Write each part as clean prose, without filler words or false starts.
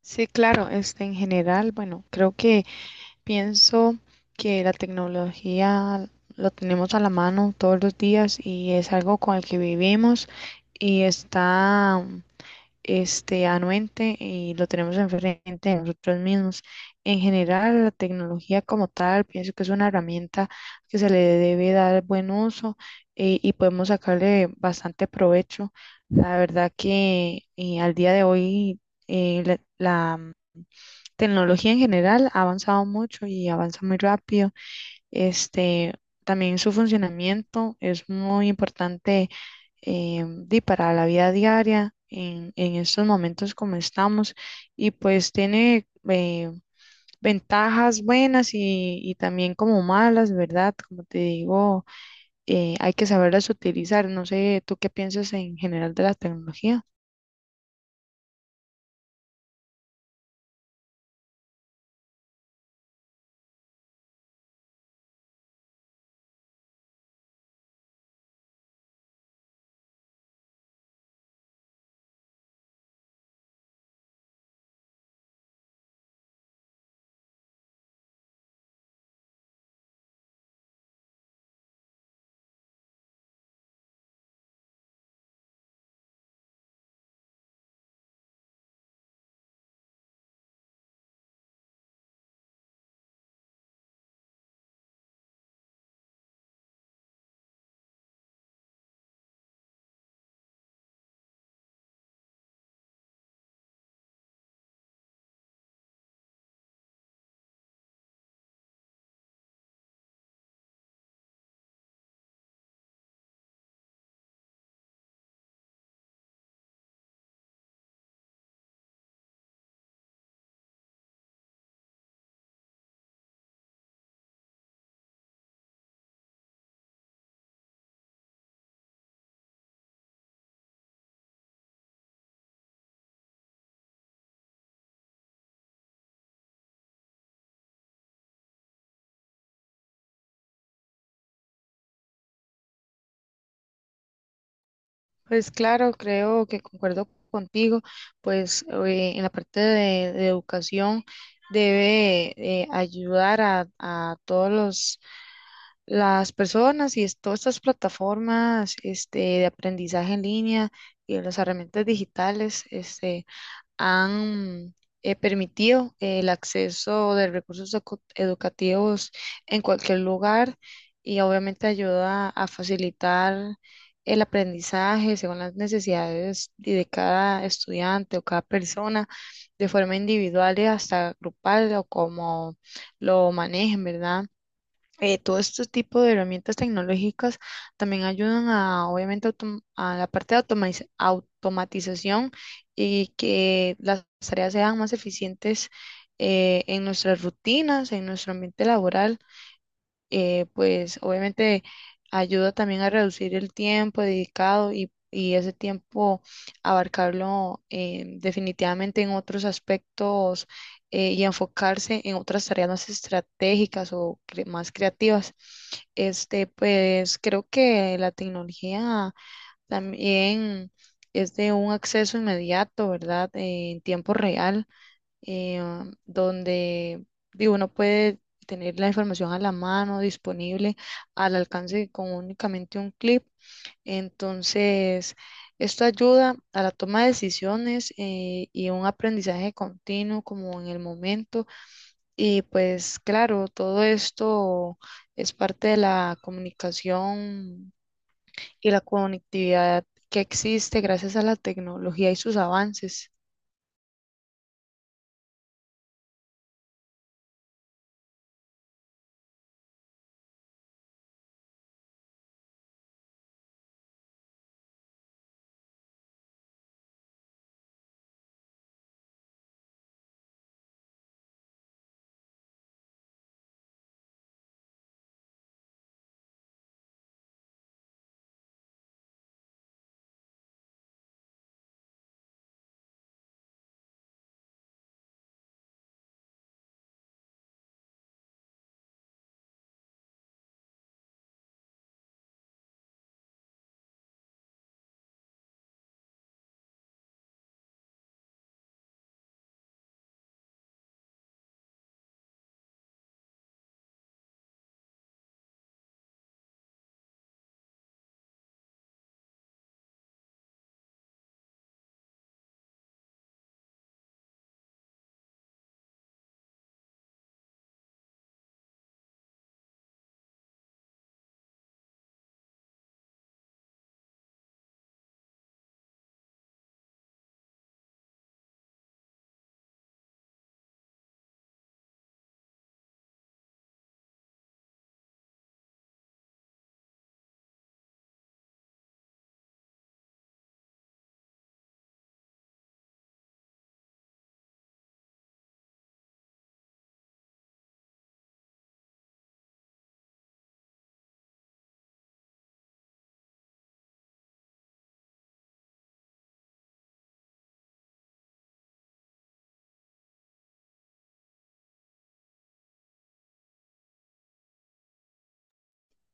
Sí, claro, este, en general, bueno, creo que pienso que la tecnología lo tenemos a la mano todos los días y es algo con el que vivimos y está este, anuente y lo tenemos enfrente de nosotros mismos. En general, la tecnología como tal, pienso que es una herramienta que se le debe dar buen uso, y podemos sacarle bastante provecho. La verdad que, al día de hoy, la tecnología en general ha avanzado mucho y avanza muy rápido. Este, también su funcionamiento es muy importante, para la vida diaria en estos momentos como estamos, y pues tiene ventajas buenas y también como malas, ¿verdad? Como te digo, hay que saberlas utilizar. No sé, ¿tú qué piensas en general de la tecnología? Pues claro, creo que concuerdo contigo, pues en la parte de educación debe ayudar a todos los las personas y todas estas plataformas este, de aprendizaje en línea y las herramientas digitales. Este, han permitido el acceso de recursos educativos en cualquier lugar y obviamente ayuda a facilitar el aprendizaje según las necesidades y de cada estudiante o cada persona de forma individual y hasta grupal o como lo manejen, ¿verdad? Todo este tipo de herramientas tecnológicas también ayudan a, obviamente, a la parte de automatización, y que las tareas sean más eficientes en nuestras rutinas, en nuestro ambiente laboral. Pues obviamente ayuda también a reducir el tiempo dedicado, y ese tiempo abarcarlo definitivamente en otros aspectos, y enfocarse en otras tareas más estratégicas o más creativas. Este, pues creo que la tecnología también es de un acceso inmediato, ¿verdad? En tiempo real, eh, donde, digo, uno puede tener la información a la mano, disponible, al alcance con únicamente un clip. Entonces, esto ayuda a la toma de decisiones, y un aprendizaje continuo como en el momento. Y pues claro, todo esto es parte de la comunicación y la conectividad que existe gracias a la tecnología y sus avances.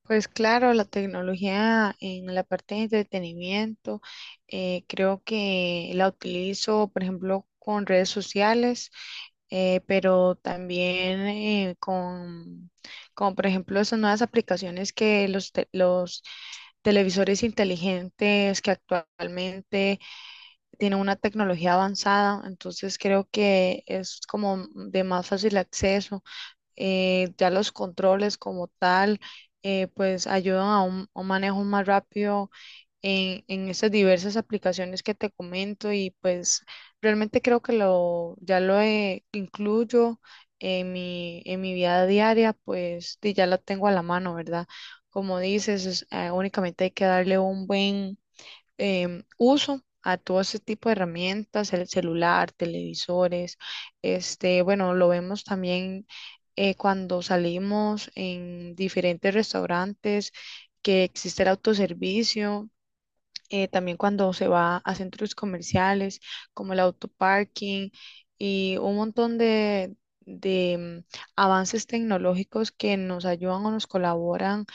Pues claro, la tecnología en la parte de entretenimiento, creo que la utilizo, por ejemplo, con redes sociales, pero también como por ejemplo, esas nuevas aplicaciones que los televisores inteligentes que actualmente tienen una tecnología avanzada, entonces creo que es como de más fácil acceso. Ya los controles como tal, pues ayudan a un manejo más rápido en estas diversas aplicaciones que te comento, y pues realmente creo que lo, ya lo incluyo en mi vida diaria, pues y ya la tengo a la mano, ¿verdad? Como dices, es, únicamente hay que darle un buen uso a todo ese tipo de herramientas, el celular, televisores. Este, bueno, lo vemos también cuando salimos en diferentes restaurantes que existe el autoservicio, también cuando se va a centros comerciales como el autoparking, y un montón de avances tecnológicos que nos ayudan o nos colaboran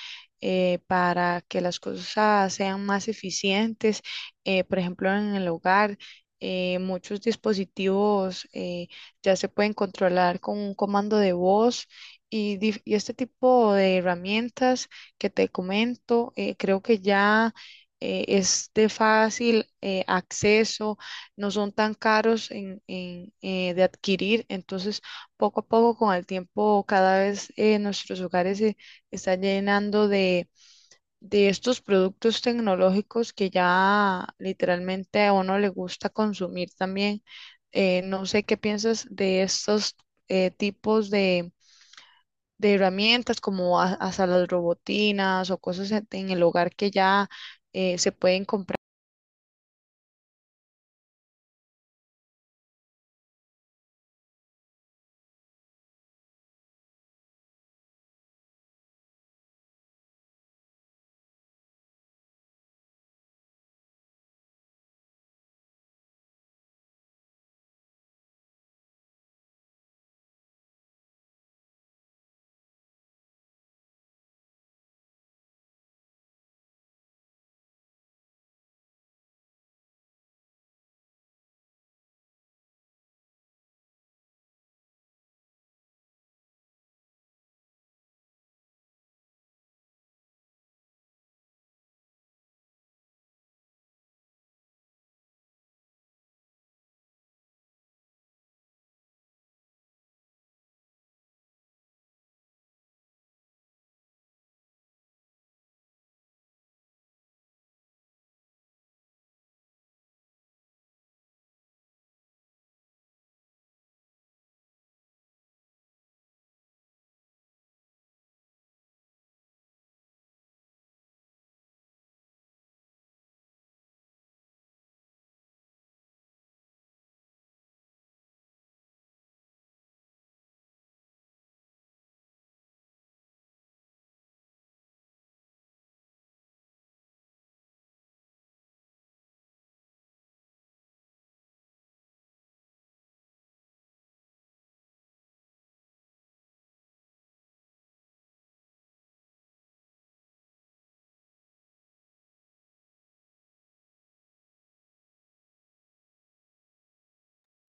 para que las cosas sean más eficientes, por ejemplo, en el hogar. Muchos dispositivos ya se pueden controlar con un comando de voz, y, y este tipo de herramientas que te comento, creo que ya es de fácil acceso, no son tan caros en, de adquirir. Entonces, poco a poco, con el tiempo, cada vez nuestros hogares se están llenando de estos productos tecnológicos que ya literalmente a uno le gusta consumir también. No sé qué piensas de estos tipos de herramientas como hasta las robotinas o cosas en el hogar que ya se pueden comprar.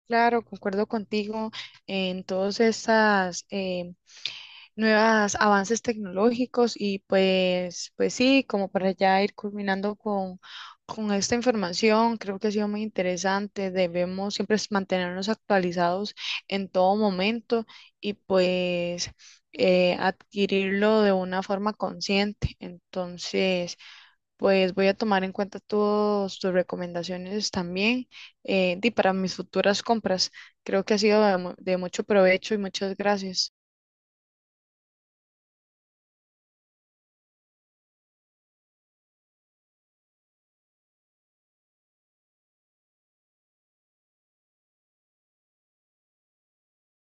Claro, concuerdo contigo en todos estos nuevos avances tecnológicos, y pues, pues sí, como para ya ir culminando con esta información, creo que ha sido muy interesante. Debemos siempre es mantenernos actualizados en todo momento, y pues adquirirlo de una forma consciente. Entonces, pues voy a tomar en cuenta todas tus recomendaciones también, y para mis futuras compras. Creo que ha sido de de mucho provecho y muchas gracias.